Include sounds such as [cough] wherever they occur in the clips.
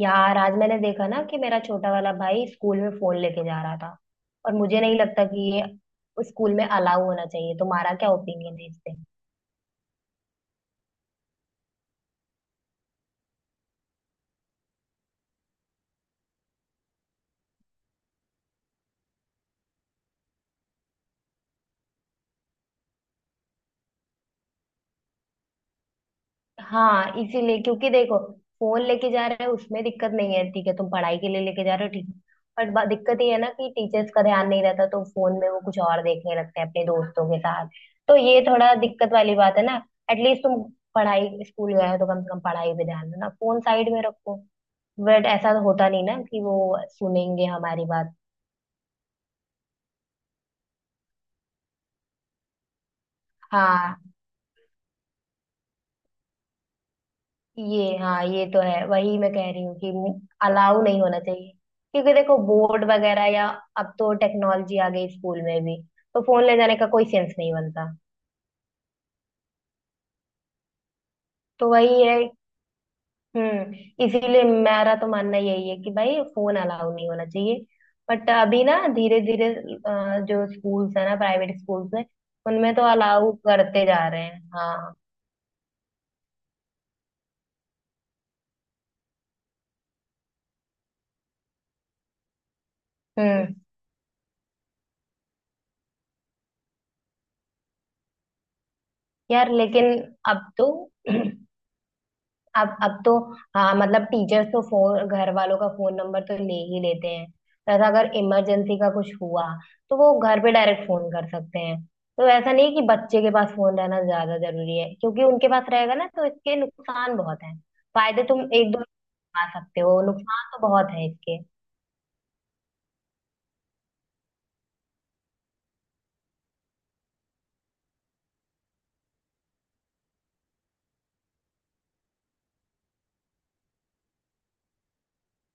यार, आज मैंने देखा ना कि मेरा छोटा वाला भाई स्कूल में फोन लेके जा रहा था। और मुझे नहीं लगता कि ये उस स्कूल में अलाउ होना चाहिए। तुम्हारा क्या ओपिनियन है इस पे? हाँ, इसीलिए, क्योंकि देखो, फोन लेके जा रहे हो उसमें दिक्कत नहीं है, ठीक है, तुम पढ़ाई के लिए लेके जा रहे हो, ठीक है। बट दिक्कत ये है ना कि टीचर्स का ध्यान नहीं रहता तो फोन में वो कुछ और देखने लगते हैं अपने दोस्तों के साथ। तो ये थोड़ा दिक्कत वाली बात है ना। एटलीस्ट तुम पढ़ाई स्कूल गए हो तो कम से कम पढ़ाई पे ध्यान दो ना, फोन साइड में रखो। बट ऐसा तो होता नहीं ना कि वो सुनेंगे हमारी बात। हाँ, ये, हाँ ये तो है, वही मैं कह रही हूँ कि अलाउ नहीं होना चाहिए क्योंकि देखो, बोर्ड वगैरह या अब तो टेक्नोलॉजी आ गई स्कूल में भी, तो फोन ले जाने का कोई सेंस नहीं बनता। तो वही है। हम्म, इसीलिए मेरा तो मानना यही है कि भाई फोन अलाउ नहीं होना चाहिए। बट अभी ना धीरे धीरे जो स्कूल्स है ना, प्राइवेट स्कूल्स है उनमें तो अलाउ करते जा रहे हैं। हाँ। हम्म। यार लेकिन अब तो [clears throat] अब तो हाँ, मतलब टीचर्स तो फोन, घर वालों का फोन नंबर तो ले ही लेते हैं तथा अगर इमरजेंसी का कुछ हुआ तो वो घर पे डायरेक्ट फोन कर सकते हैं। तो ऐसा नहीं है कि बच्चे के पास फोन रहना ज्यादा जरूरी है, क्योंकि उनके पास रहेगा ना तो इसके नुकसान बहुत हैं। फायदे तुम एक दो आ सकते हो, नुकसान तो बहुत है इसके।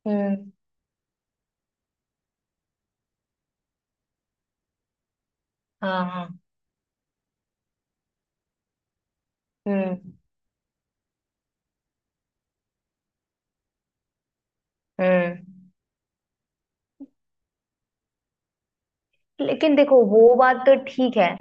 हम्म। हाँ, हाँ। हम्म। हम्म। लेकिन देखो वो बात तो ठीक है,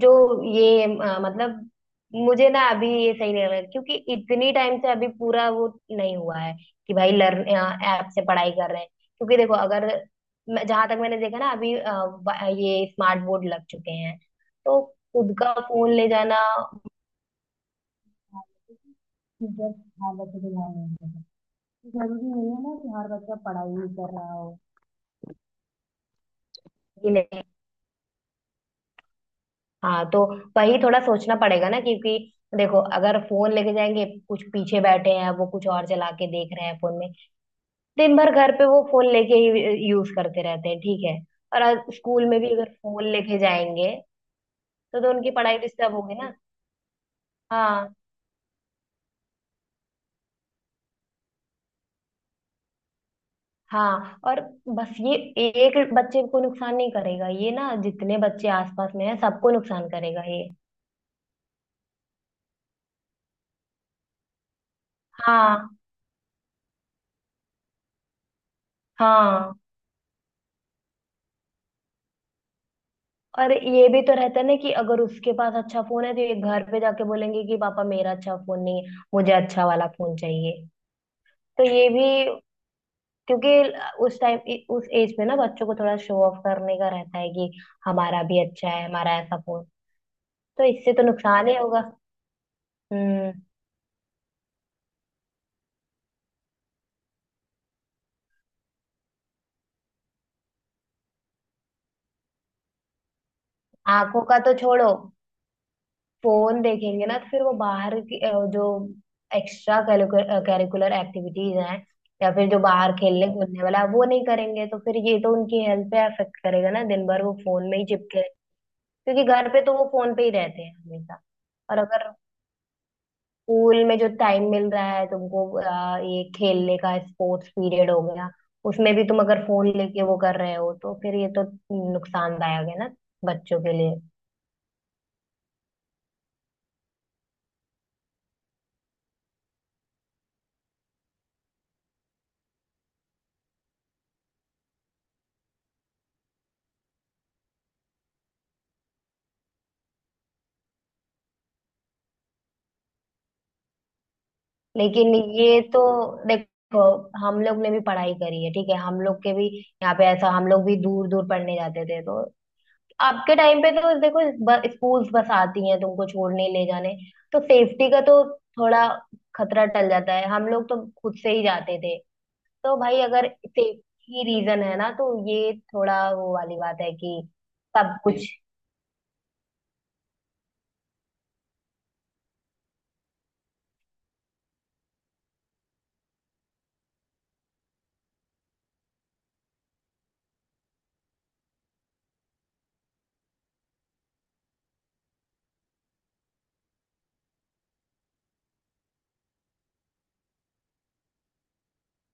जो ये मतलब, मुझे ना अभी ये सही नहीं लग रहा क्योंकि इतनी टाइम से अभी पूरा वो नहीं हुआ है कि भाई लर्न ऐप से पढ़ाई कर रहे हैं। क्योंकि देखो, अगर जहाँ तक मैंने देखा ना अभी ये स्मार्ट बोर्ड लग चुके हैं। तो खुद का फोन ले जाना जरूरी नहीं है ना कि हर बच्चा पढ़ाई ही कर रहा हो। हाँ, तो वही थोड़ा सोचना पड़ेगा ना, क्योंकि देखो, अगर फोन लेके जाएंगे, कुछ पीछे बैठे हैं, वो कुछ और चला के देख रहे हैं फोन में। दिन भर घर पे वो फोन लेके ही यूज करते रहते हैं, ठीक है। और आज स्कूल में भी अगर फोन लेके जाएंगे, तो उनकी पढ़ाई डिस्टर्ब होगी ना। हाँ, हाँ, और बस ये, एक बच्चे को नुकसान नहीं करेगा ये ना, जितने बच्चे आसपास में हैं सबको नुकसान करेगा ये। हाँ, हाँ। और ये भी तो रहता है ना कि अगर उसके पास अच्छा फोन है तो ये घर पे जाके बोलेंगे कि पापा मेरा अच्छा फोन नहीं है, मुझे अच्छा वाला फोन चाहिए। तो ये भी, क्योंकि उस टाइम, उस एज में ना बच्चों को थोड़ा शो ऑफ करने का रहता है कि हमारा भी अच्छा है, हमारा ऐसा फोन। तो इससे तो नुकसान ही होगा। हम्म। आंखों का तो छोड़ो, फोन देखेंगे ना तो फिर वो बाहर की जो एक्स्ट्रा करिकुलर एक्टिविटीज हैं, या फिर जो बाहर खेलने कूदने वाला है वो नहीं करेंगे, तो फिर ये तो उनकी हेल्थ पे अफेक्ट करेगा ना, दिन भर वो फोन में ही चिपके, क्योंकि घर पे तो वो फोन पे ही रहते हैं हमेशा। और अगर स्कूल में जो टाइम मिल रहा है तुमको, ये खेलने का स्पोर्ट्स पीरियड हो गया, उसमें भी तुम अगर फोन लेके वो कर रहे हो तो फिर ये तो नुकसानदायक है ना बच्चों के लिए। लेकिन ये तो, देखो, हम लोग ने भी पढ़ाई करी है, ठीक है, हम लोग के भी यहाँ पे ऐसा, हम लोग भी दूर दूर पढ़ने जाते थे तो आपके टाइम पे तो देखो, स्कूल्स बस आती हैं तुमको छोड़ने ले जाने, तो सेफ्टी का तो थोड़ा खतरा टल जाता है। हम लोग तो खुद से ही जाते थे तो भाई अगर सेफ्टी रीजन है ना तो ये थोड़ा वो वाली बात है कि सब जी कुछ।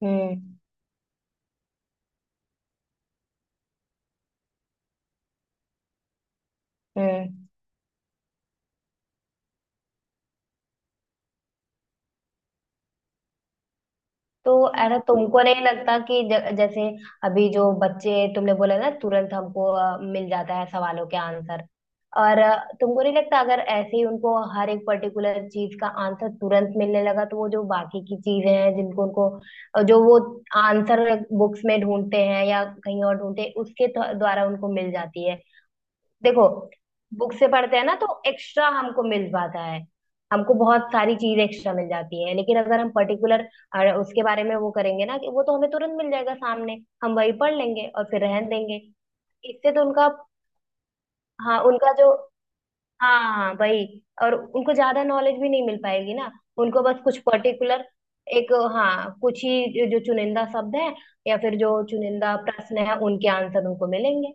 हम्म। हम्म। तो अरे, तुमको नहीं लगता कि जैसे अभी जो बच्चे तुमने बोला ना, तुरंत हमको मिल जाता है सवालों के आंसर, और तुमको नहीं लगता अगर ऐसे ही उनको हर एक पर्टिकुलर चीज का आंसर तुरंत मिलने लगा, तो वो जो बाकी की चीजें हैं जिनको उनको जो वो आंसर बुक्स में ढूंढते हैं या कहीं और ढूंढते हैं उसके द्वारा उनको मिल जाती है। देखो, बुक से पढ़ते हैं ना तो एक्स्ट्रा हमको मिल पाता है, हमको बहुत सारी चीज एक्स्ट्रा मिल जाती है। लेकिन अगर हम पर्टिकुलर उसके बारे में वो करेंगे ना, कि वो तो हमें तुरंत मिल जाएगा सामने, हम वही पढ़ लेंगे और फिर रहन देंगे। इससे तो उनका, हाँ उनका जो, हाँ हाँ वही, और उनको ज्यादा नॉलेज भी नहीं मिल पाएगी ना। उनको बस कुछ पर्टिकुलर, एक, हाँ, कुछ ही जो चुनिंदा शब्द है या फिर जो चुनिंदा प्रश्न है उनके आंसर उनको मिलेंगे।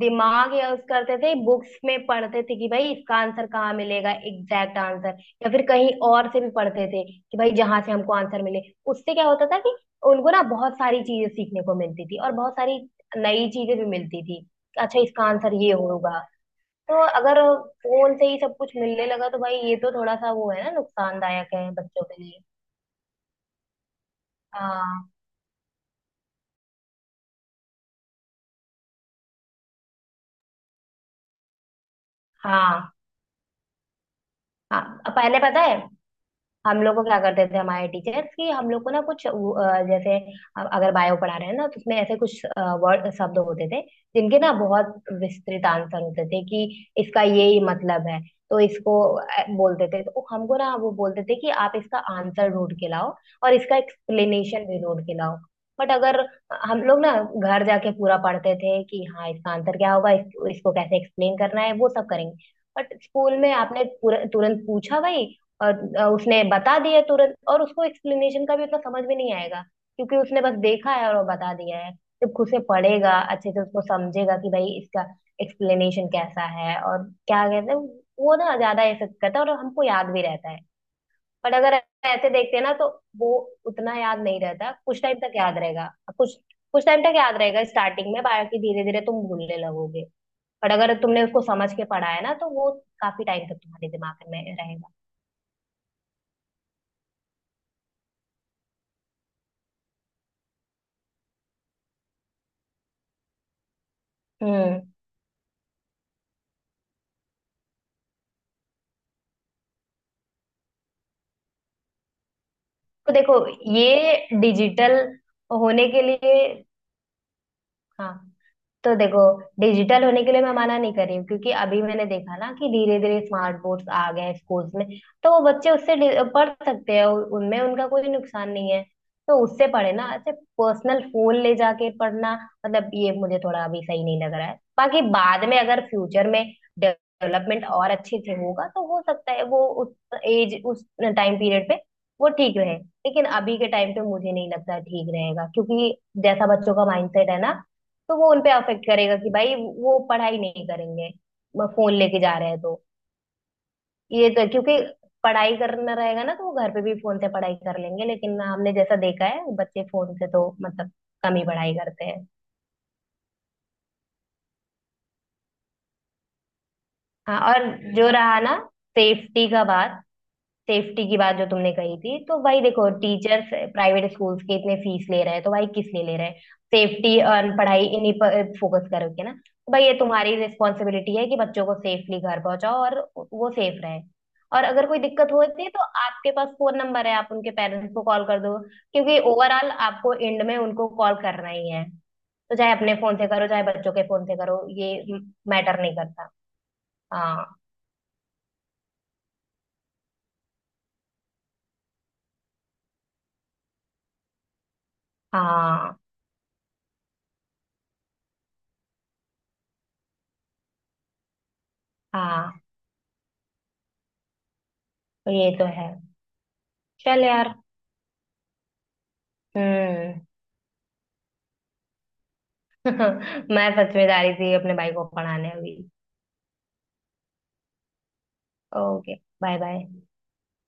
दिमाग यूज करते थे, बुक्स में पढ़ते थे कि भाई इसका आंसर कहाँ मिलेगा, एग्जैक्ट आंसर, या फिर कहीं और से भी पढ़ते थे कि भाई जहां से हमको आंसर मिले। उससे क्या होता था कि उनको ना बहुत सारी चीजें सीखने को मिलती थी और बहुत सारी नई चीजें भी मिलती थी। अच्छा, इसका आंसर ये होगा। तो अगर फोन से ही सब कुछ मिलने लगा तो भाई ये तो थोड़ा सा वो है ना, नुकसानदायक है बच्चों के लिए। हाँ। हाँ। हाँ, पहले पता है हम लोग को क्या करते थे हमारे टीचर्स, कि हम लोग को ना कुछ जैसे अगर बायो पढ़ा रहे हैं ना तो उसमें ऐसे कुछ वर्ड शब्द होते थे जिनके ना बहुत विस्तृत आंसर होते थे कि इसका ये ही मतलब है। तो इसको बोलते थे तो हमको ना वो बोलते थे कि आप इसका आंसर ढूंढ के लाओ और इसका एक्सप्लेनेशन भी ढूंढ के लाओ। बट अगर हम लोग ना घर जाके पूरा पढ़ते थे कि हाँ इसका आंसर क्या होगा, इसको कैसे एक्सप्लेन करना है, वो सब करेंगे। बट स्कूल में आपने पूरा तुरंत पूछा भाई, और उसने बता दिया तुरंत और उसको एक्सप्लेनेशन का भी उतना समझ में नहीं आएगा क्योंकि उसने बस देखा है और वो बता दिया है। जब खुद से पढ़ेगा अच्छे से उसको समझेगा कि भाई इसका एक्सप्लेनेशन कैसा है और क्या कहते हैं। वो ना ज्यादा ये सब करता है और हमको याद भी रहता है। बट अगर ऐसे देखते हैं ना तो वो उतना याद नहीं रहता, कुछ टाइम तक याद रहेगा। कुछ, कुछ टाइम तक याद रहेगा स्टार्टिंग में, बाकी धीरे धीरे तुम भूलने लगोगे। बट अगर तुमने उसको समझ के पढ़ा है ना तो वो काफी टाइम तक तुम्हारे दिमाग में रहेगा। हम्म। तो देखो, ये डिजिटल होने के लिए, हाँ, तो देखो, डिजिटल होने के लिए मैं मना नहीं कर रही हूँ क्योंकि अभी मैंने देखा ना कि धीरे धीरे स्मार्ट बोर्ड्स आ गए हैं स्कूल्स में। तो वो बच्चे उससे पढ़ सकते हैं, उनमें उनका कोई नुकसान नहीं है। तो उससे पढ़े ना, ऐसे पर्सनल फोन ले जाके पढ़ना, मतलब ये मुझे थोड़ा अभी सही नहीं लग रहा है। बाकी बाद में अगर फ्यूचर में डेवलपमेंट और अच्छे से होगा तो हो सकता है वो उस एज, उस टाइम पीरियड पे वो ठीक रहे। लेकिन अभी के टाइम पे मुझे नहीं लगता ठीक रहेगा क्योंकि जैसा बच्चों का माइंडसेट है ना, तो वो उनपे अफेक्ट करेगा कि भाई वो पढ़ाई नहीं करेंगे, फोन लेके जा रहे हैं तो। ये तो, क्योंकि पढ़ाई करना रहेगा ना तो वो घर पे भी फोन से पढ़ाई कर लेंगे, लेकिन हमने जैसा देखा है बच्चे फोन से तो मतलब कम ही पढ़ाई करते हैं। हाँ, और जो रहा ना सेफ्टी का बात, सेफ्टी की बात जो तुमने कही थी, तो भाई देखो टीचर्स, प्राइवेट स्कूल्स के इतने फीस ले रहे हैं तो भाई किस लिए ले रहे हैं? सेफ्टी और पढ़ाई, इन्हीं पर फोकस करोगे ना, तो भाई ये तुम्हारी रिस्पॉन्सिबिलिटी है कि बच्चों को सेफली घर पहुंचाओ और वो सेफ रहे। और अगर कोई दिक्कत होती है तो आपके पास फोन नंबर है, आप उनके पेरेंट्स को कॉल कर दो, क्योंकि ओवरऑल आपको एंड में उनको कॉल करना ही है। तो चाहे अपने फोन से करो, चाहे बच्चों के फोन से करो, ये मैटर नहीं करता। हाँ, हाँ, हाँ, ये तो है। चल यार। हम्म। [laughs] मैं फंस में जा रही थी अपने भाई को पढ़ाने अभी। ओके। Bye bye.